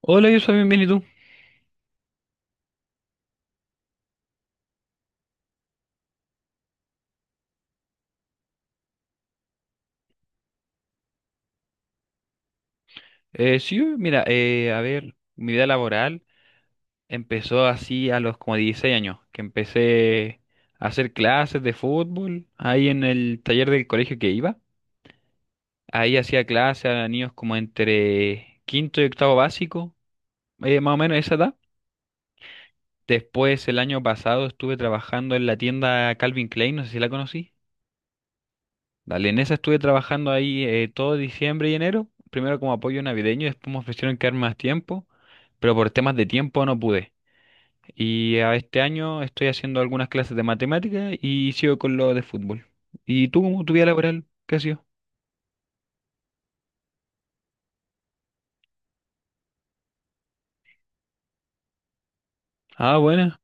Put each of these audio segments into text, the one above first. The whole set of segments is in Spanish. Hola, yo soy bienvenido. Sí, mira, a ver, mi vida laboral empezó así a los como 16 años, que empecé a hacer clases de fútbol ahí en el taller del colegio que iba. Ahí hacía clases a niños como entre quinto y octavo básico, más o menos esa edad. Después, el año pasado estuve trabajando en la tienda Calvin Klein, no sé si la conocí. Dale, en esa estuve trabajando ahí todo diciembre y enero, primero como apoyo navideño, después me ofrecieron quedar más tiempo, pero por temas de tiempo no pude. Y a este año estoy haciendo algunas clases de matemática y sigo con lo de fútbol. ¿Y tú cómo tu vida laboral? ¿Qué ha sido? Ah, buena.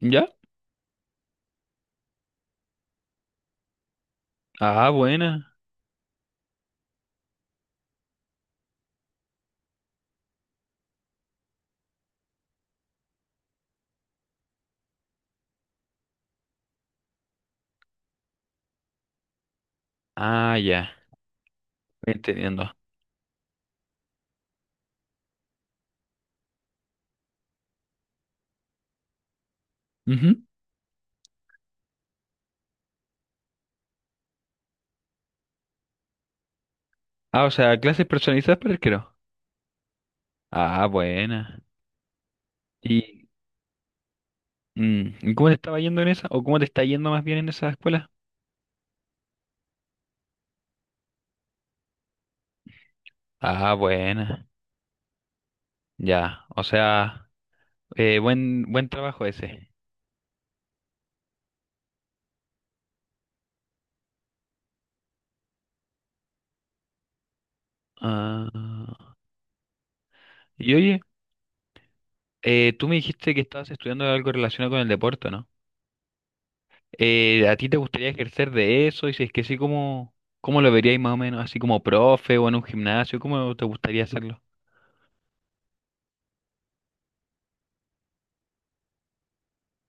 ¿Ya? Ah, buena. Ah, ya. Entendiendo. Ujú. Ah, o sea, clases personalizadas para arquero. Ah, buena. ¿Y, ¿y cómo te estaba yendo en esa? ¿O cómo te está yendo más bien en esa escuela? Ah, buena. Ya, o sea, buen trabajo ese. Ah, y oye, tú me dijiste que estabas estudiando algo relacionado con el deporte, ¿no? ¿A ti te gustaría ejercer de eso? Y si es que sí, ¿cómo lo verías más o menos? ¿Así como profe o en un gimnasio? ¿Cómo te gustaría hacerlo?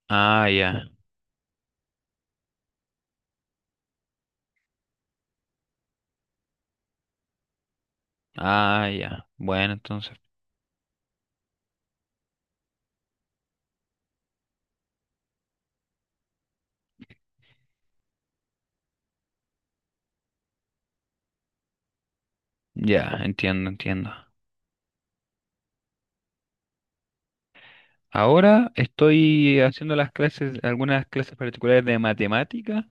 Ah, ya, ah, ya. Bueno, entonces, ya, entiendo, entiendo. Ahora estoy haciendo las clases, algunas clases particulares de matemática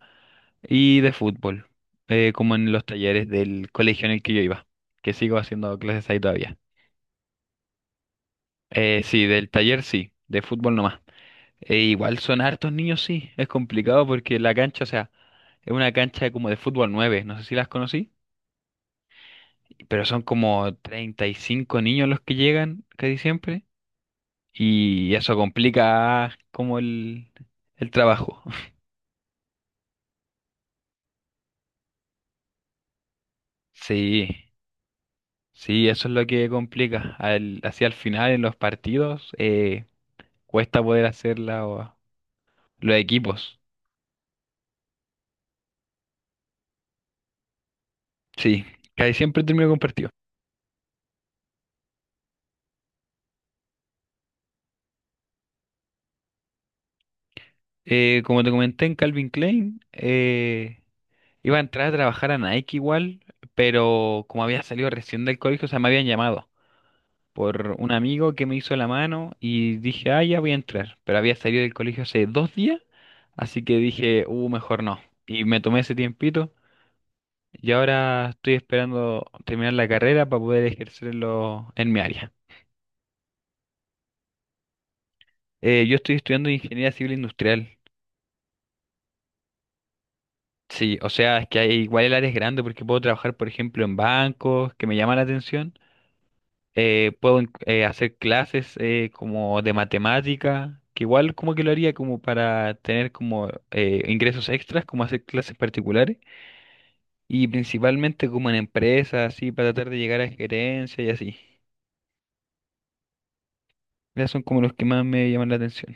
y de fútbol, como en los talleres del colegio en el que yo iba, que sigo haciendo clases ahí todavía. Sí, del taller sí, de fútbol nomás. E igual son hartos niños, sí, es complicado porque la cancha, o sea, es una cancha como de fútbol 9. No sé si las conocí, pero son como 35 niños los que llegan casi siempre y eso complica como el trabajo. Sí, sí, eso es lo que complica. Hacia el final en los partidos cuesta poder hacerla los equipos. Sí, casi siempre termino con partido. Como te comenté en Calvin Klein, iba a entrar a trabajar a Nike igual, pero como había salido recién del colegio, o sea, me habían llamado por un amigo que me hizo la mano y dije, ah, ya voy a entrar, pero había salido del colegio hace 2 días, así que dije, mejor no. Y me tomé ese tiempito. Y ahora estoy esperando terminar la carrera para poder ejercerlo en mi área. Yo estoy estudiando ingeniería civil industrial. Sí, o sea, es que igual el área es grande porque puedo trabajar, por ejemplo, en bancos, que me llama la atención. Puedo hacer clases como de matemática, que igual como que lo haría como para tener como ingresos extras, como hacer clases particulares. Y principalmente como en empresas, así, para tratar de llegar a gerencia y así. Esos son como los que más me llaman la atención.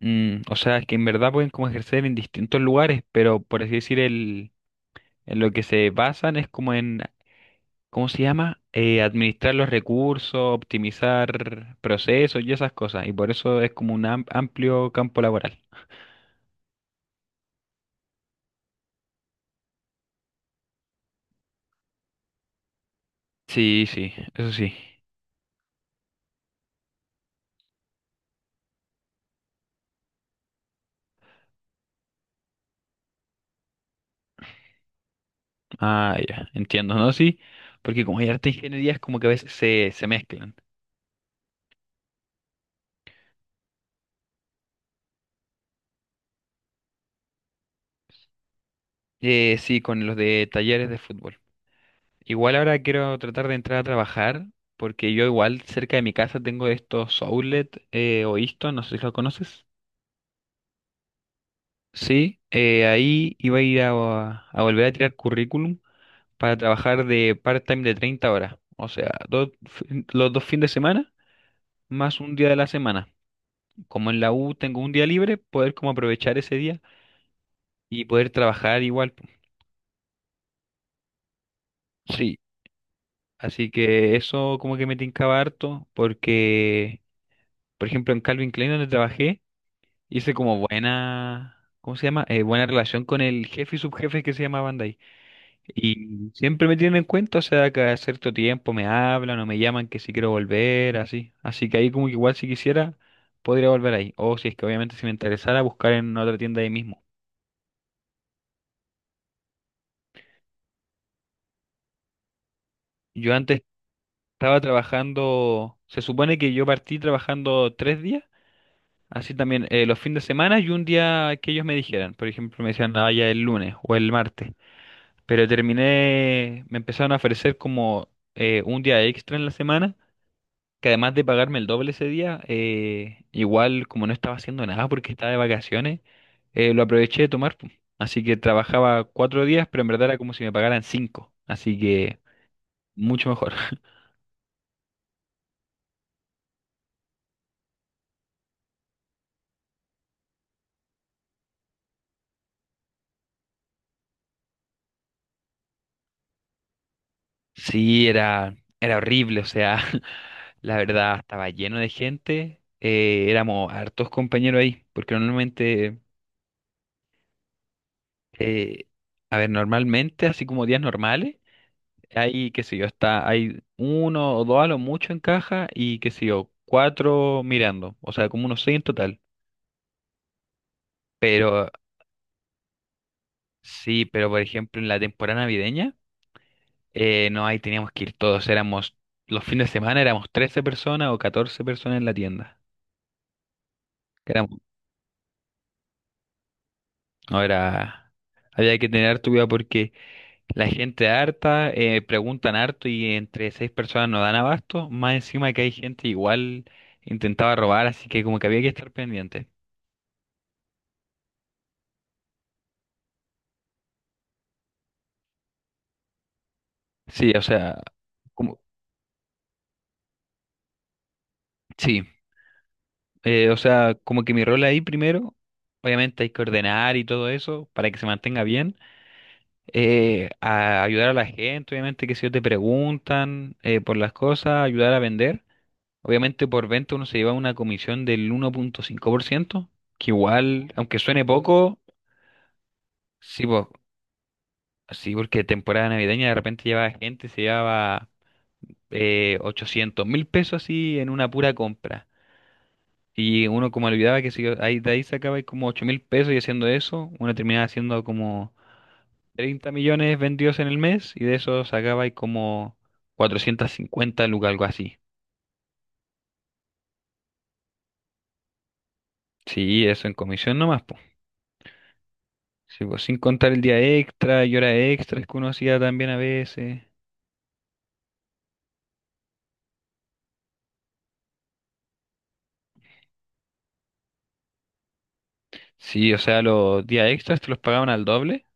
Mm, o sea, es que en verdad pueden como ejercer en distintos lugares, pero por así decir, en lo que se basan es como en, ¿cómo se llama? Administrar los recursos, optimizar procesos y esas cosas. Y por eso es como un amplio campo laboral. Sí, sí, eso sí. Ah, ya, entiendo, ¿no? Sí, porque como hay arte e ingeniería, es como que a veces se mezclan. Sí, con los de talleres de fútbol. Igual ahora quiero tratar de entrar a trabajar, porque yo igual cerca de mi casa tengo estos outlet o Isto, no sé si lo conoces. Sí, ahí iba a ir a, volver a tirar currículum para trabajar de part-time de 30 horas, o sea, los dos fines de semana más un día de la semana. Como en la U tengo un día libre, poder como aprovechar ese día y poder trabajar igual. Po. Sí, así que eso como que me tincaba harto porque, por ejemplo, en Calvin Klein donde trabajé, hice como buena, ¿cómo se llama? Buena relación con el jefe y subjefe que se llama Bandai. Y siempre me tienen en cuenta, o sea, cada cierto tiempo me hablan o me llaman que si quiero volver, así. Así que ahí como que igual si quisiera, podría volver ahí. O si es que obviamente si me interesara, buscar en otra tienda ahí mismo. Yo antes estaba trabajando, se supone que yo partí trabajando 3 días, así también los fines de semana y un día que ellos me dijeran. Por ejemplo, me decían, ah, ya el lunes o el martes. Pero terminé, me empezaron a ofrecer como un día extra en la semana, que además de pagarme el doble ese día, igual como no estaba haciendo nada porque estaba de vacaciones, lo aproveché de tomar. Po. Así que trabajaba 4 días, pero en verdad era como si me pagaran cinco. Así que mucho mejor. Sí, era horrible, o sea, la verdad estaba lleno de gente, éramos hartos compañeros ahí, porque normalmente, eh, a ver, normalmente, así como días normales. Hay, qué sé yo, está, hay uno o dos a lo mucho en caja y qué sé yo, cuatro mirando, o sea, como unos seis en total. Pero sí, pero por ejemplo en la temporada navideña, no, ahí teníamos que ir todos, éramos, los fines de semana éramos 13 personas o 14 personas en la tienda. Éramos, no era, había que tener harto cuidado porque la gente harta, preguntan harto y entre seis personas no dan abasto, más encima que hay gente igual intentaba robar, así que como que había que estar pendiente. Sí, o sea, como, sí, o sea, como que mi rol ahí primero, obviamente hay que ordenar y todo eso para que se mantenga bien, a ayudar a la gente, obviamente que si ellos te preguntan por las cosas, ayudar a vender, obviamente por venta uno se lleva una comisión del 1,5%, que igual, aunque suene poco, sí, sí, porque temporada navideña de repente lleva gente, se llevaba 800 mil pesos así en una pura compra. Y uno como olvidaba que si ahí, de ahí sacaba como 8.000 pesos y haciendo eso, uno terminaba haciendo como 30 millones vendidos en el mes y de eso sacaba ahí como 450 lucas, algo así. Sí, eso en comisión nomás, pues. Sí, pues sin contar el día extra y horas extras que uno hacía también a veces. Sí, o sea, los días extras te los pagaban al doble.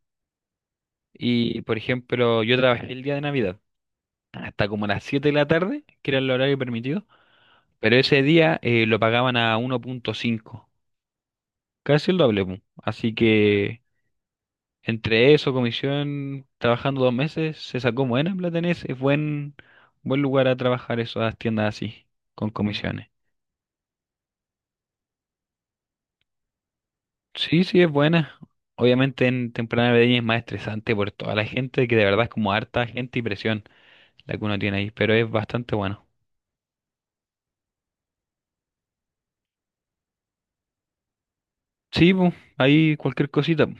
Y, por ejemplo, yo trabajé el día de Navidad hasta como las 7 de la tarde, que era el horario permitido, pero ese día lo pagaban a 1,5 casi el doble. Pu. Así que entre eso, comisión, trabajando 2 meses, se sacó buena plata en ese. Es buen lugar a trabajar esas tiendas así, con comisiones. Sí, sí, es buena. Obviamente en temporada navideña es más estresante por toda la gente, que de verdad es como harta gente y presión la que uno tiene ahí, pero es bastante bueno. Sí, pu, ahí cualquier cosita. Pu.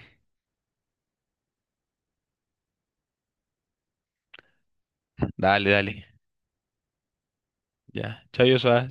Dale, dale. Ya. Chao, Yosa.